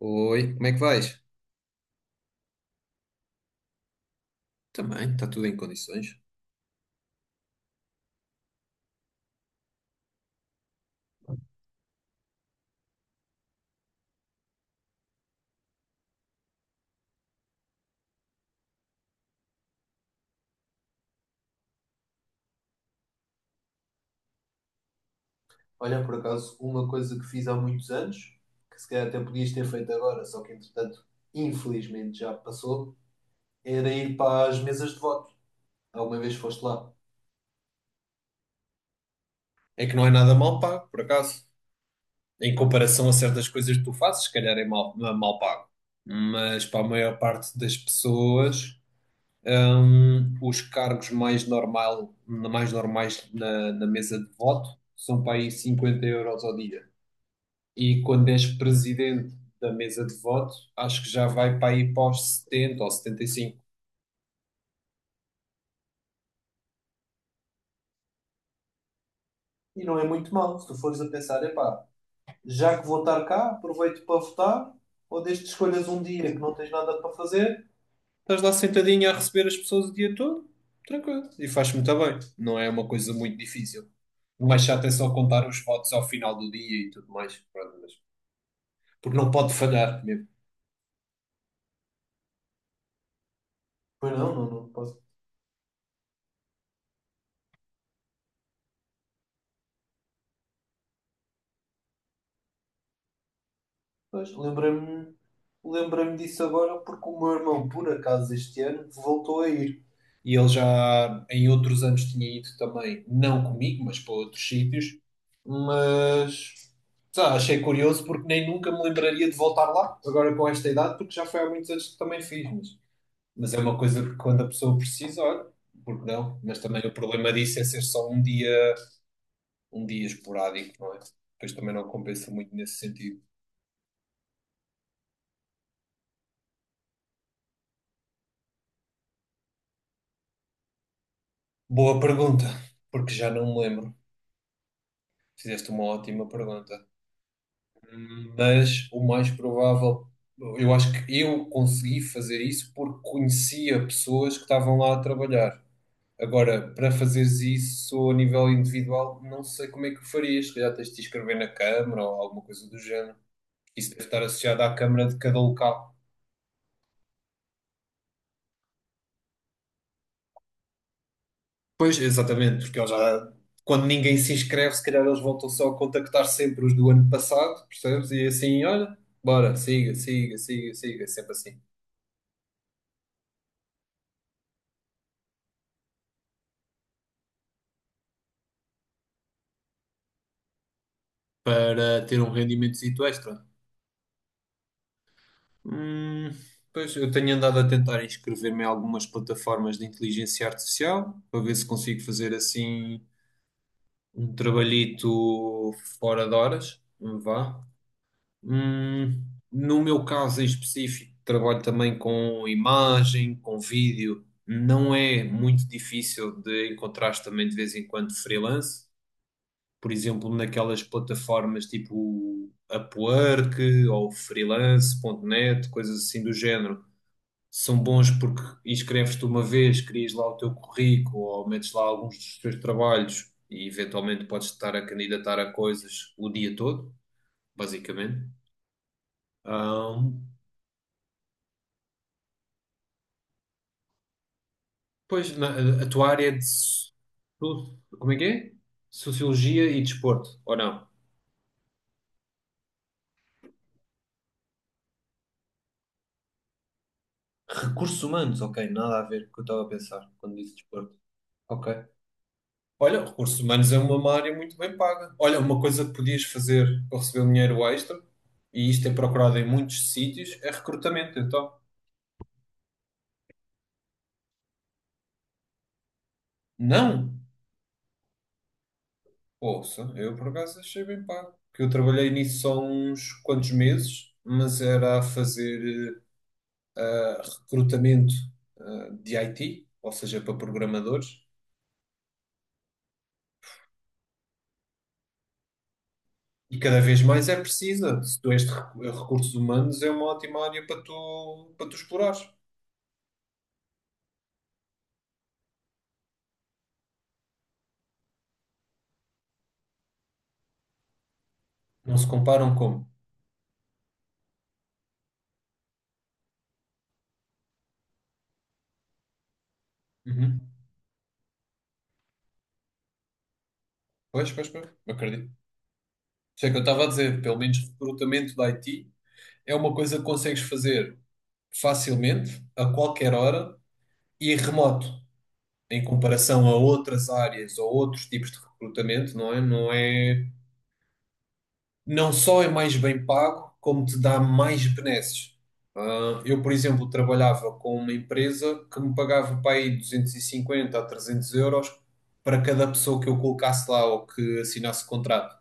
Oi, como é que vais? Também, está tudo em condições. Olha, por acaso, uma coisa que fiz há muitos anos, que se calhar até podias ter feito agora, só que entretanto, infelizmente já passou, era ir para as mesas de voto. Alguma vez foste lá? É que não é nada mal pago, por acaso. Em comparação a certas coisas que tu fazes, se calhar é mal, não é mal pago. Mas para a maior parte das pessoas, os cargos mais, normal, mais normais na mesa de voto são para aí 50 euros ao dia. E quando és presidente da mesa de voto, acho que já vai para aí para os 70 ou 75, e não é muito mal, se tu fores a pensar. Epá, já que vou estar cá, aproveito para votar, ou desde que escolhas um dia que não tens nada para fazer. Estás lá sentadinho a receber as pessoas o dia todo, tranquilo. E faz muito bem. Não é uma coisa muito difícil. O mais chato é só contar os votos ao final do dia e tudo mais. Pronto, porque não pode falhar mesmo. Pois não, não, não posso. Pois, lembrei-me disso agora porque o meu irmão, por acaso, este ano voltou a ir. E ele já em outros anos tinha ido também, não comigo, mas para outros sítios. Mas sei lá, achei curioso porque nem nunca me lembraria de voltar lá, agora com esta idade, porque já foi há muitos anos que também fiz. Mas é uma coisa que quando a pessoa precisa, olha, porque não? Mas também o problema disso é ser só um dia esporádico, não é? Depois também não compensa muito nesse sentido. Boa pergunta, porque já não me lembro. Fizeste uma ótima pergunta. Mas o mais provável, eu acho que eu consegui fazer isso porque conhecia pessoas que estavam lá a trabalhar. Agora, para fazeres isso a nível individual, não sei como é que o farias. Se calhar tens de te inscrever na Câmara ou alguma coisa do género. Isso deve estar associado à Câmara de cada local. Pois, exatamente, porque eles já, quando ninguém se inscreve, se calhar eles voltam só a contactar sempre os do ano passado, percebes? E assim, olha, bora, siga, siga, siga, siga, é sempre assim. Para ter um rendimentozito extra. Hum, pois, eu tenho andado a tentar inscrever-me em algumas plataformas de inteligência artificial, para ver se consigo fazer assim um trabalhito fora de horas, vá. Hum, no meu caso em específico, trabalho também com imagem, com vídeo. Não é muito difícil de encontrar também de vez em quando freelance. Por exemplo, naquelas plataformas tipo Upwork ou freelance ponto net, coisas assim do género. São bons porque inscreves-te uma vez, crias lá o teu currículo ou metes lá alguns dos teus trabalhos, e eventualmente podes estar a candidatar a coisas o dia todo, basicamente. Pois, a tua área é como é que é? Sociologia e desporto, ou não? Recursos humanos, ok, nada a ver com o que eu estava a pensar quando disse desporto. Ok. Olha, recursos humanos é uma área muito bem paga. Olha, uma coisa que podias fazer para receber um dinheiro extra, e isto é procurado em muitos sítios, é recrutamento, então. Não! Ouça, eu por acaso achei bem pago. Que eu trabalhei nisso só uns quantos meses, mas era a fazer recrutamento de IT, ou seja, para programadores, e cada vez mais é precisa. Se tu és de recursos humanos, é uma ótima área para tu explorares. Não se comparam, como. Uhum. Pois, pois, pois, acredito. Isso é que eu estava a dizer: pelo menos recrutamento de IT é uma coisa que consegues fazer facilmente, a qualquer hora e remoto, em comparação a outras áreas ou outros tipos de recrutamento, não é? Não só é mais bem pago, como te dá mais benesses. Ah, eu, por exemplo, trabalhava com uma empresa que me pagava para aí 250 a 300 euros para cada pessoa que eu colocasse lá ou que assinasse contrato.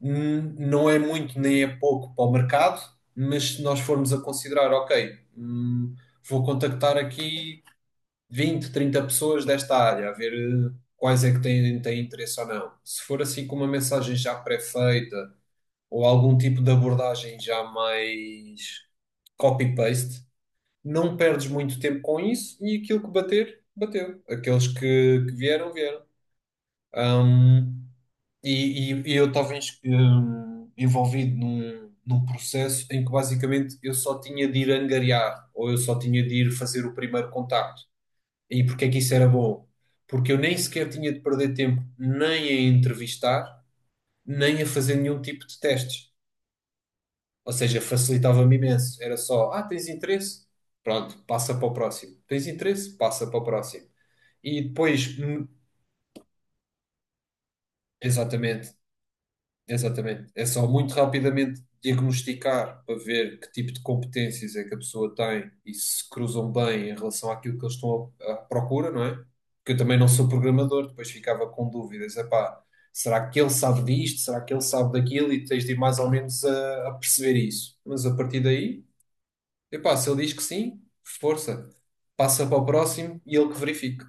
Não é muito nem é pouco para o mercado, mas se nós formos a considerar, ok, vou contactar aqui 20, 30 pessoas desta área, a ver quais é que têm interesse ou não. Se for assim com uma mensagem já pré-feita, ou algum tipo de abordagem já mais copy-paste, não perdes muito tempo com isso, e aquilo que bater, bateu. Aqueles que vieram, vieram. Hum, e eu estava envolvido num processo em que basicamente eu só tinha de ir angariar, ou eu só tinha de ir fazer o primeiro contacto. E porque é que isso era bom? Porque eu nem sequer tinha de perder tempo nem a entrevistar, nem a fazer nenhum tipo de testes. Ou seja, facilitava-me imenso. Era só: ah, tens interesse? Pronto, passa para o próximo. Tens interesse? Passa para o próximo. E depois, exatamente, exatamente. É só muito rapidamente diagnosticar para ver que tipo de competências é que a pessoa tem, e se cruzam bem em relação àquilo que eles estão à procura, não é? Porque eu também não sou programador, depois ficava com dúvidas. Epá, será que ele sabe disto? Será que ele sabe daquilo? E tens de ir mais ou menos a perceber isso. Mas a partir daí, epá, se ele diz que sim, força. Passa para o próximo e ele que verifique.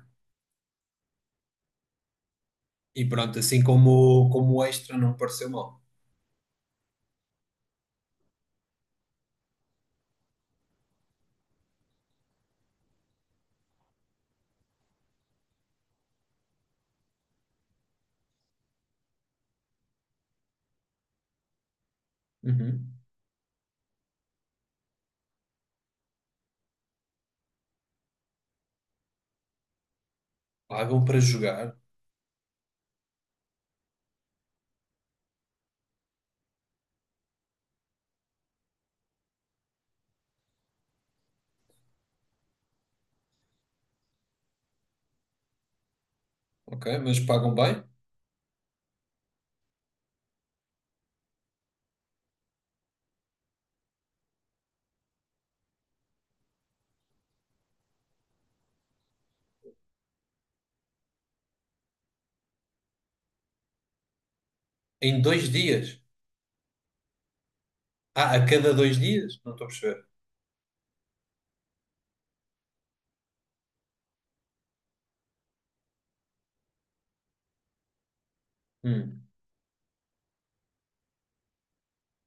E pronto, assim, como o extra, não me pareceu mal. Uhum. Pagam para jogar, ok? Mas pagam bem? Em dois dias. Ah, a cada dois dias? Não estou a perceber. Hum.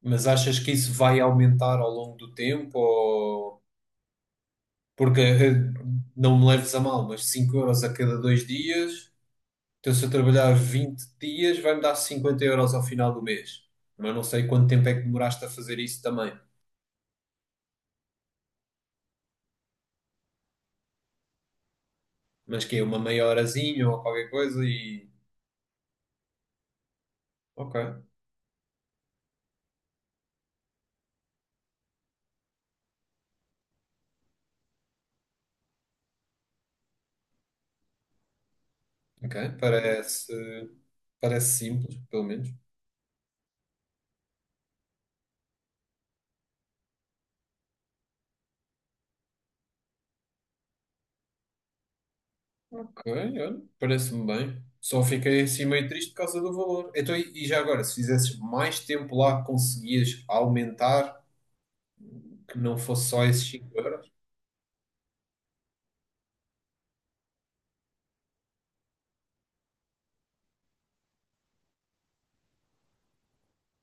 Mas achas que isso vai aumentar ao longo do tempo? Ou... porque não me leves a mal, mas 5 euros a cada dois dias. Então, se eu trabalhar 20 dias, vai-me dar 50 euros ao final do mês. Mas não sei quanto tempo é que demoraste a fazer isso também. Mas que é uma meia horazinha ou qualquer coisa, e. Ok, ok. Parece simples, pelo menos. Ok, olha, parece-me bem. Só fiquei assim meio triste por causa do valor. Então, e já agora, se fizesses mais tempo lá, conseguias aumentar, que não fosse só esses 5 euros?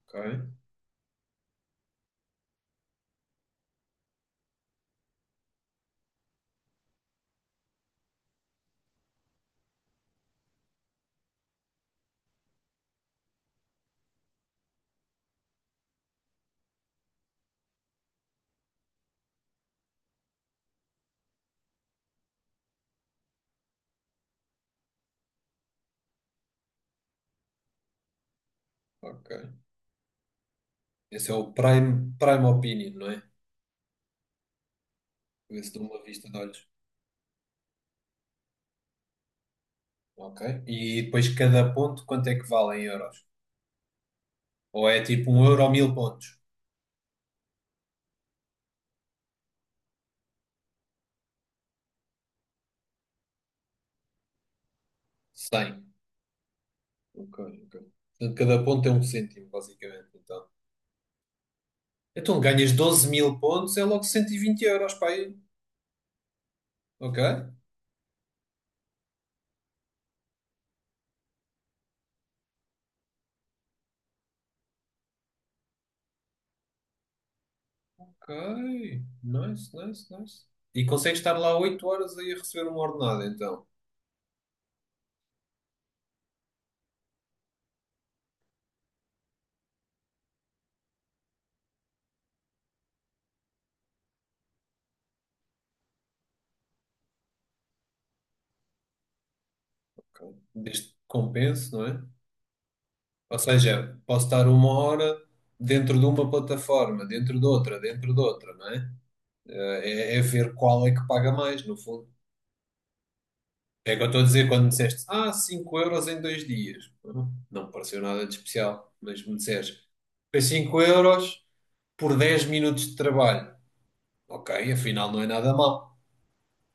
Ok, ok. Esse é o Prime Opinion, não é? Ver se dou uma vista de olhos. Ok. E depois, cada ponto quanto é que vale em euros? Ou é tipo um euro ou mil pontos? 100. Ok, ok. Portanto, cada ponto é um cêntimo, basicamente. Então ganhas 12.000 pontos, é logo 120 euros, pá, aí. Ok? Ok. Nice, nice, nice. E consegues estar lá 8 horas aí a receber uma ordenada, então. Ok. Desde que compense, não é? Ou seja, posso estar uma hora dentro de uma plataforma, dentro de outra, não é? É ver qual é que paga mais, no fundo. É o que eu estou a dizer quando me disseste: ah, 5 euros em dois dias. Não me pareceu nada de especial, mas, me disseste, foi 5 euros por 10 minutos de trabalho. Ok, afinal não é nada mal.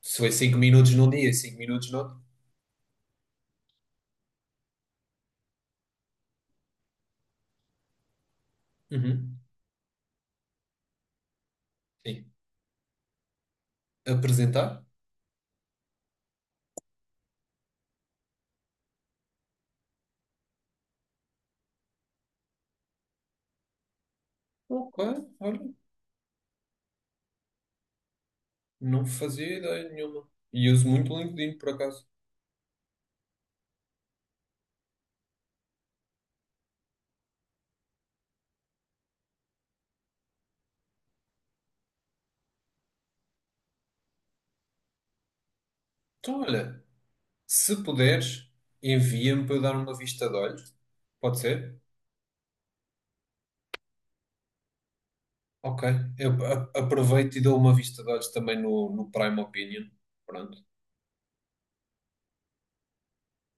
Se foi 5 minutos num dia e 5 minutos no outro. Uhum. Sim. Apresentar? Ok, olha, não fazia ideia nenhuma. E uso muito o LinkedIn, por acaso. Então, olha, se puderes, envia-me para eu dar uma vista de olhos. Pode ser? Ok, eu aproveito e dou uma vista de olhos também no Prime Opinion. Pronto,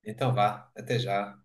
então vá, até já.